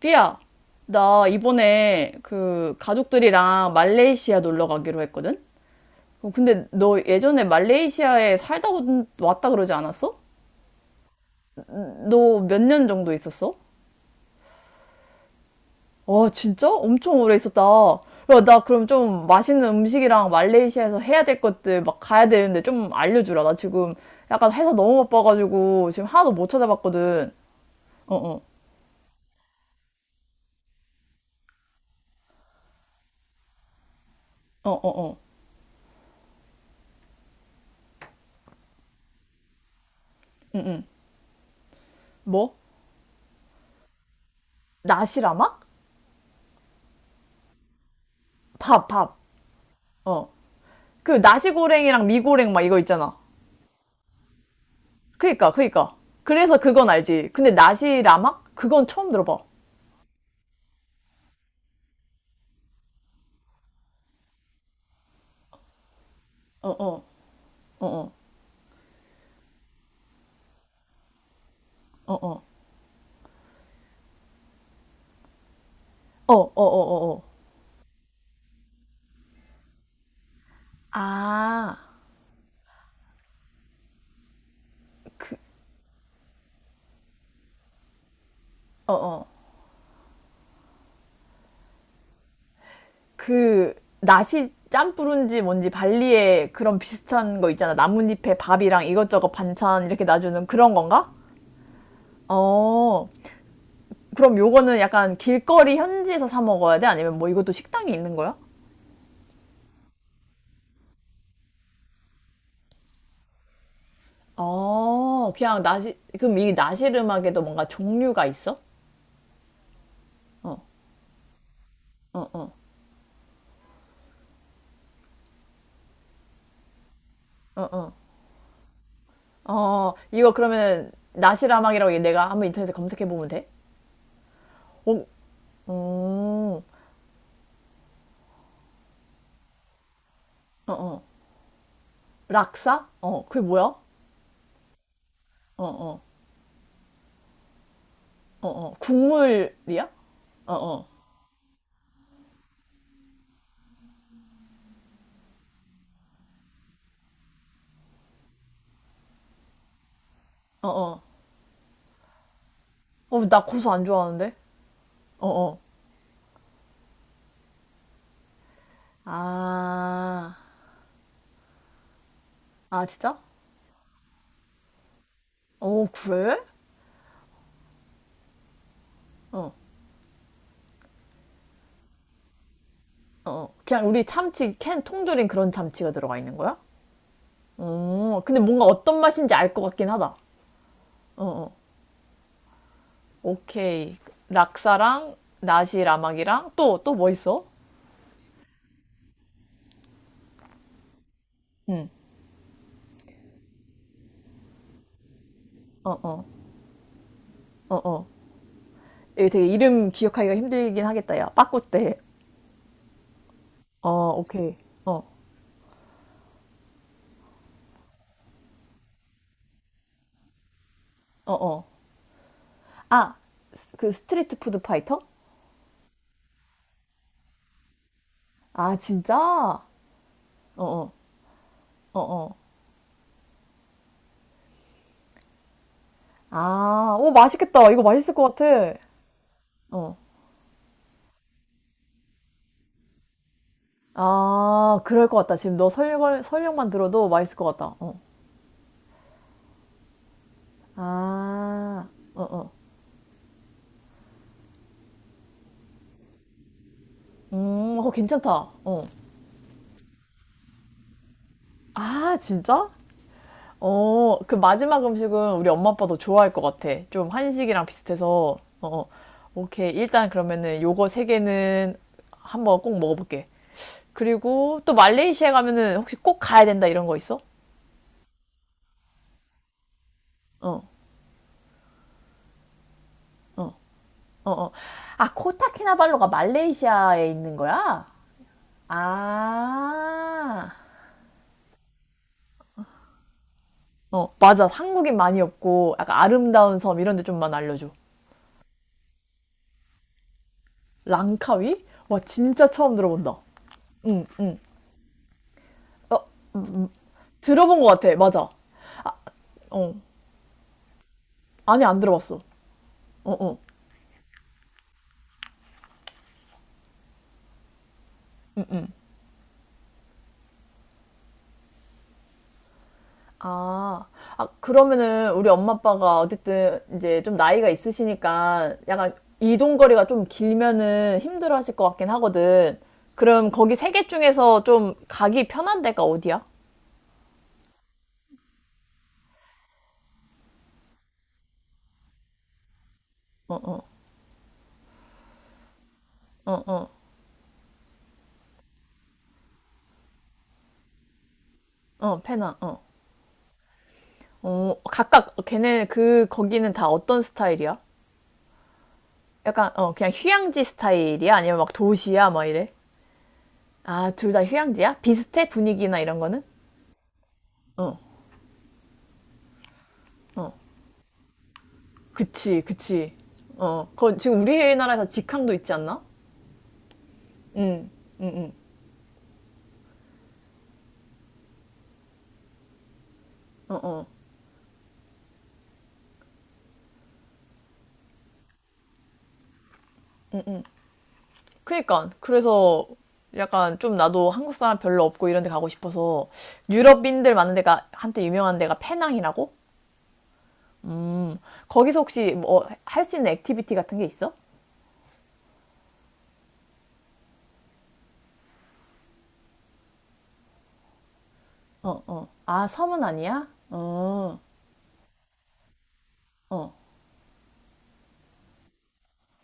삐야, 나 이번에 그 가족들이랑 말레이시아 놀러 가기로 했거든? 어, 근데 너 예전에 말레이시아에 살다 왔다 그러지 않았어? 너 몇 년 정도 있었어? 와, 진짜? 엄청 오래 있었다. 야, 나 그럼 좀 맛있는 음식이랑 말레이시아에서 해야 될 것들 막 가야 되는데 좀 알려주라. 나 지금 약간 회사 너무 바빠가지고 지금 하나도 못 찾아봤거든. 어, 어, 어, 어, 어. 뭐? 나시라막? 밥, 밥. 어. 그 나시고랭이랑 미고랭 막 이거 있잖아. 그니까, 그니까. 그래서 그건 알지. 근데 나시라막? 그건 처음 들어봐. 어, 어, 어, 어, 어, 어, 어, 어, 어, 어, 어. 아, 어, 어. 그, 나시 짬뿌른지 뭔지 발리에 그런 비슷한 거 있잖아. 나뭇잎에 밥이랑 이것저것 반찬 이렇게 놔주는 그런 건가? 어. 그럼 요거는 약간 길거리 현지에서 사 먹어야 돼? 아니면 뭐 이것도 식당이 있는 거야? 어, 그냥 나시, 그럼 이 나실 음악에도 뭔가 종류가 있어? 어, 어, 어, 어, 어. 어, 이거 그러면 나실 음악이라고 얘 내가 한번 인터넷에 검색해 보면 돼? 어, 음, 어, 어. 락사? 어, 그게 뭐야? 어, 어, 어, 어. 국물이야? 어, 어, 어, 어. 어, 나 고수 안 좋아하는데? 어, 어. 아, 아, 진짜? 어, 그래? 어, 어, 어. 그냥 우리 참치, 캔 통조림 그런 참치가 들어가 있는 거야? 어, 근데 뭔가 어떤 맛인지 알 것 같긴 하다. 어, 어. 오케이. 락사랑 나시 라막이랑 또 또 뭐 있어? 응. 어, 어. 어, 어. 이게 되게 이름 기억하기가 힘들긴 하겠다, 야. 빠꾸떼. 어, 오케이. 어, 어, 어. 아, 그 스트리트 푸드 파이터? 아, 진짜? 어, 어, 어, 어. 아, 오, 맛있겠다. 이거 맛있을 것 같아. 어. 아, 그럴 것 같다. 지금 너 설명, 설명만 들어도 맛있을 것 같다. 어. 아, 어, 어. 어, 괜찮다. 어. 아, 진짜? 어, 그 마지막 음식은 우리 엄마 아빠도 좋아할 것 같아. 좀 한식이랑 비슷해서. 어, 어. 오케이. 일단 그러면은 요거 세 개는 한번 꼭 먹어볼게. 그리고 또 말레이시아 가면은 혹시 꼭 가야 된다 이런 거 있어? 어, 어, 어, 어. 아, 코타키나발루가 말레이시아에 있는 거야? 아. 어, 맞아. 한국인 많이 없고 약간 아름다운 섬 이런 데 좀만 알려줘. 랑카위? 와 진짜 처음 들어본다. 응, 응. 어, 들어본 것 같아. 맞아. 어. 아니 안 들어봤어. 어, 어. 아, 아 그러면은 우리 엄마 아빠가 어쨌든 이제 좀 나이가 있으시니까 약간 이동 거리가 좀 길면은 힘들어 하실 것 같긴 하거든. 그럼 거기 세 개 중에서 좀 가기 편한 데가 어디야? 어, 어, 어, 어. 어, 각각 걔네 그 거기는 다 어떤 스타일이야? 약간 어 그냥 휴양지 스타일이야? 아니면 막 도시야? 막 이래? 아, 둘 다 휴양지야? 비슷해? 분위기나 이런 거는? 어, 어. 그치, 그치. 어. 그건 지금 우리나라에서 직항도 있지 않나? 응. 어, 어. 그니까. 그래서 약간 좀 나도 한국 사람 별로 없고 이런 데 가고 싶어서 유럽인들 많은 데가 한때 유명한 데가 페낭이라고? 거기서 혹시 뭐 할 수 있는 액티비티 같은 게 있어? 어, 어. 아, 섬은 아니야? 어, 어.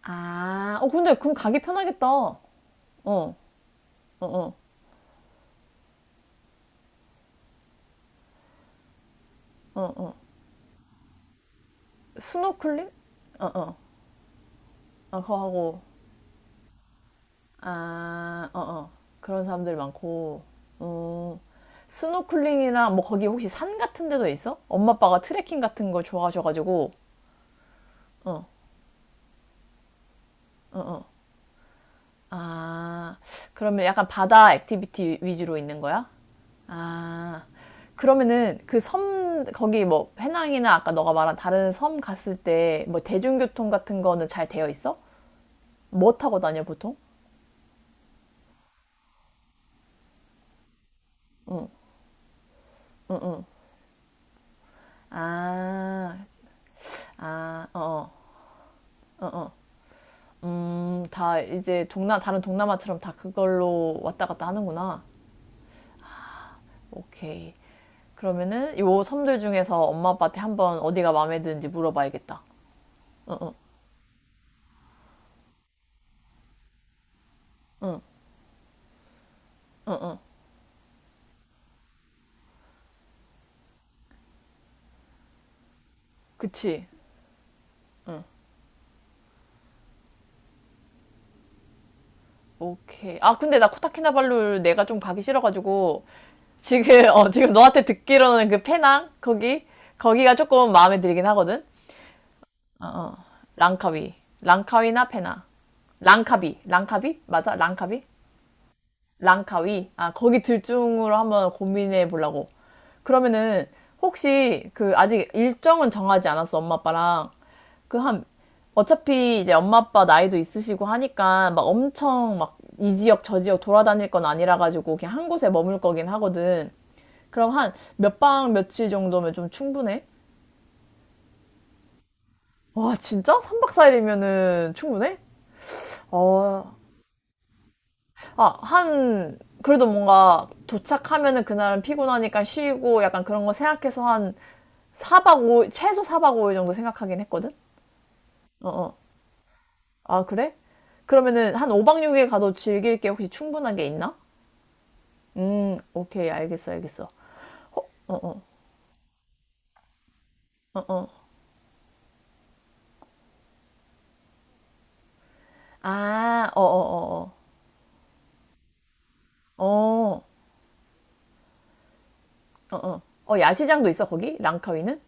아, 어, 근데 그럼 가기 편하겠다. 어, 어, 어, 어, 어. 스노클링? 어, 어. 아, 그거 하고, 아, 어, 어. 그런 사람들 많고, 음, 스노클링이랑 뭐 거기 혹시 산 같은 데도 있어? 엄마 아빠가 트레킹 같은 거 좋아하셔가지고, 어, 어, 어. 아, 그러면 약간 바다 액티비티 위주로 있는 거야? 아, 그러면은 그 섬 거기 뭐 해낭이나 아까 너가 말한 다른 섬 갔을 때 뭐 대중교통 같은 거는 잘 되어 있어? 뭐 타고 다녀 보통? 아, 아, 어, 어. 다 이제 동남, 다른 동남아처럼 다 그걸로 왔다 갔다 하는구나. 오케이. 그러면은 요 섬들 중에서 엄마 아빠한테 한번 어디가 마음에 드는지 물어봐야겠다. 어, 어. 그치? 오케이. 아, 근데 나 코타키나발루 내가 좀 가기 싫어가지고 지금, 어, 지금 너한테 듣기로는 그 페낭? 거기? 거기가 조금 마음에 들긴 하거든? 어, 어. 랑카위. 랑카위나 페낭. 랑카비. 랑카비? 맞아? 랑카비? 랑카위? 아, 거기 둘 중으로 한번 고민해 보려고. 그러면은, 혹시, 그, 아직 일정은 정하지 않았어, 엄마, 아빠랑. 그 한, 어차피 이제 엄마, 아빠 나이도 있으시고 하니까, 막 엄청 막, 이 지역, 저 지역 돌아다닐 건 아니라 가지고, 그냥 한 곳에 머물 거긴 하거든. 그럼 한, 몇 박 며칠 정도면 좀 충분해? 와, 진짜? 3박 4일이면은 충분해? 어, 아, 한, 그래도 뭔가 도착하면은 그날은 피곤하니까 쉬고 약간 그런 거 생각해서 한 4박 5일, 최소 4박 5일 정도 생각하긴 했거든? 어, 어. 아, 그래? 그러면은 한 5박 6일 가도 즐길 게 혹시 충분한 게 있나? 오케이, 알겠어, 알겠어. 어, 어. 아, 어, 어, 어, 어. 어, 어, 어. 어, 야시장도 있어, 거기? 랑카위는?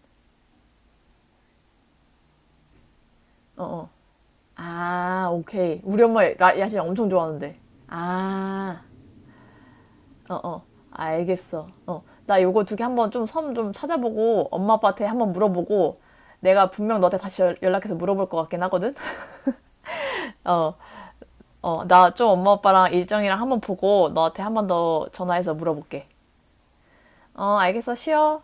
어, 어. 아, 오케이. 우리 엄마 야시장 엄청 좋아하는데. 아. 어, 어. 알겠어. 어. 나 요거 두개 한번 좀 섬 좀 찾아보고 엄마 아빠한테 한번 물어보고 내가 분명 너한테 다시 연락해서 물어볼 것 같긴 하거든. 어. 어. 나 좀 엄마 아빠랑 일정이랑 한번 보고 너한테 한번 더 전화해서 물어볼게. 어, 알겠어. 쉬어.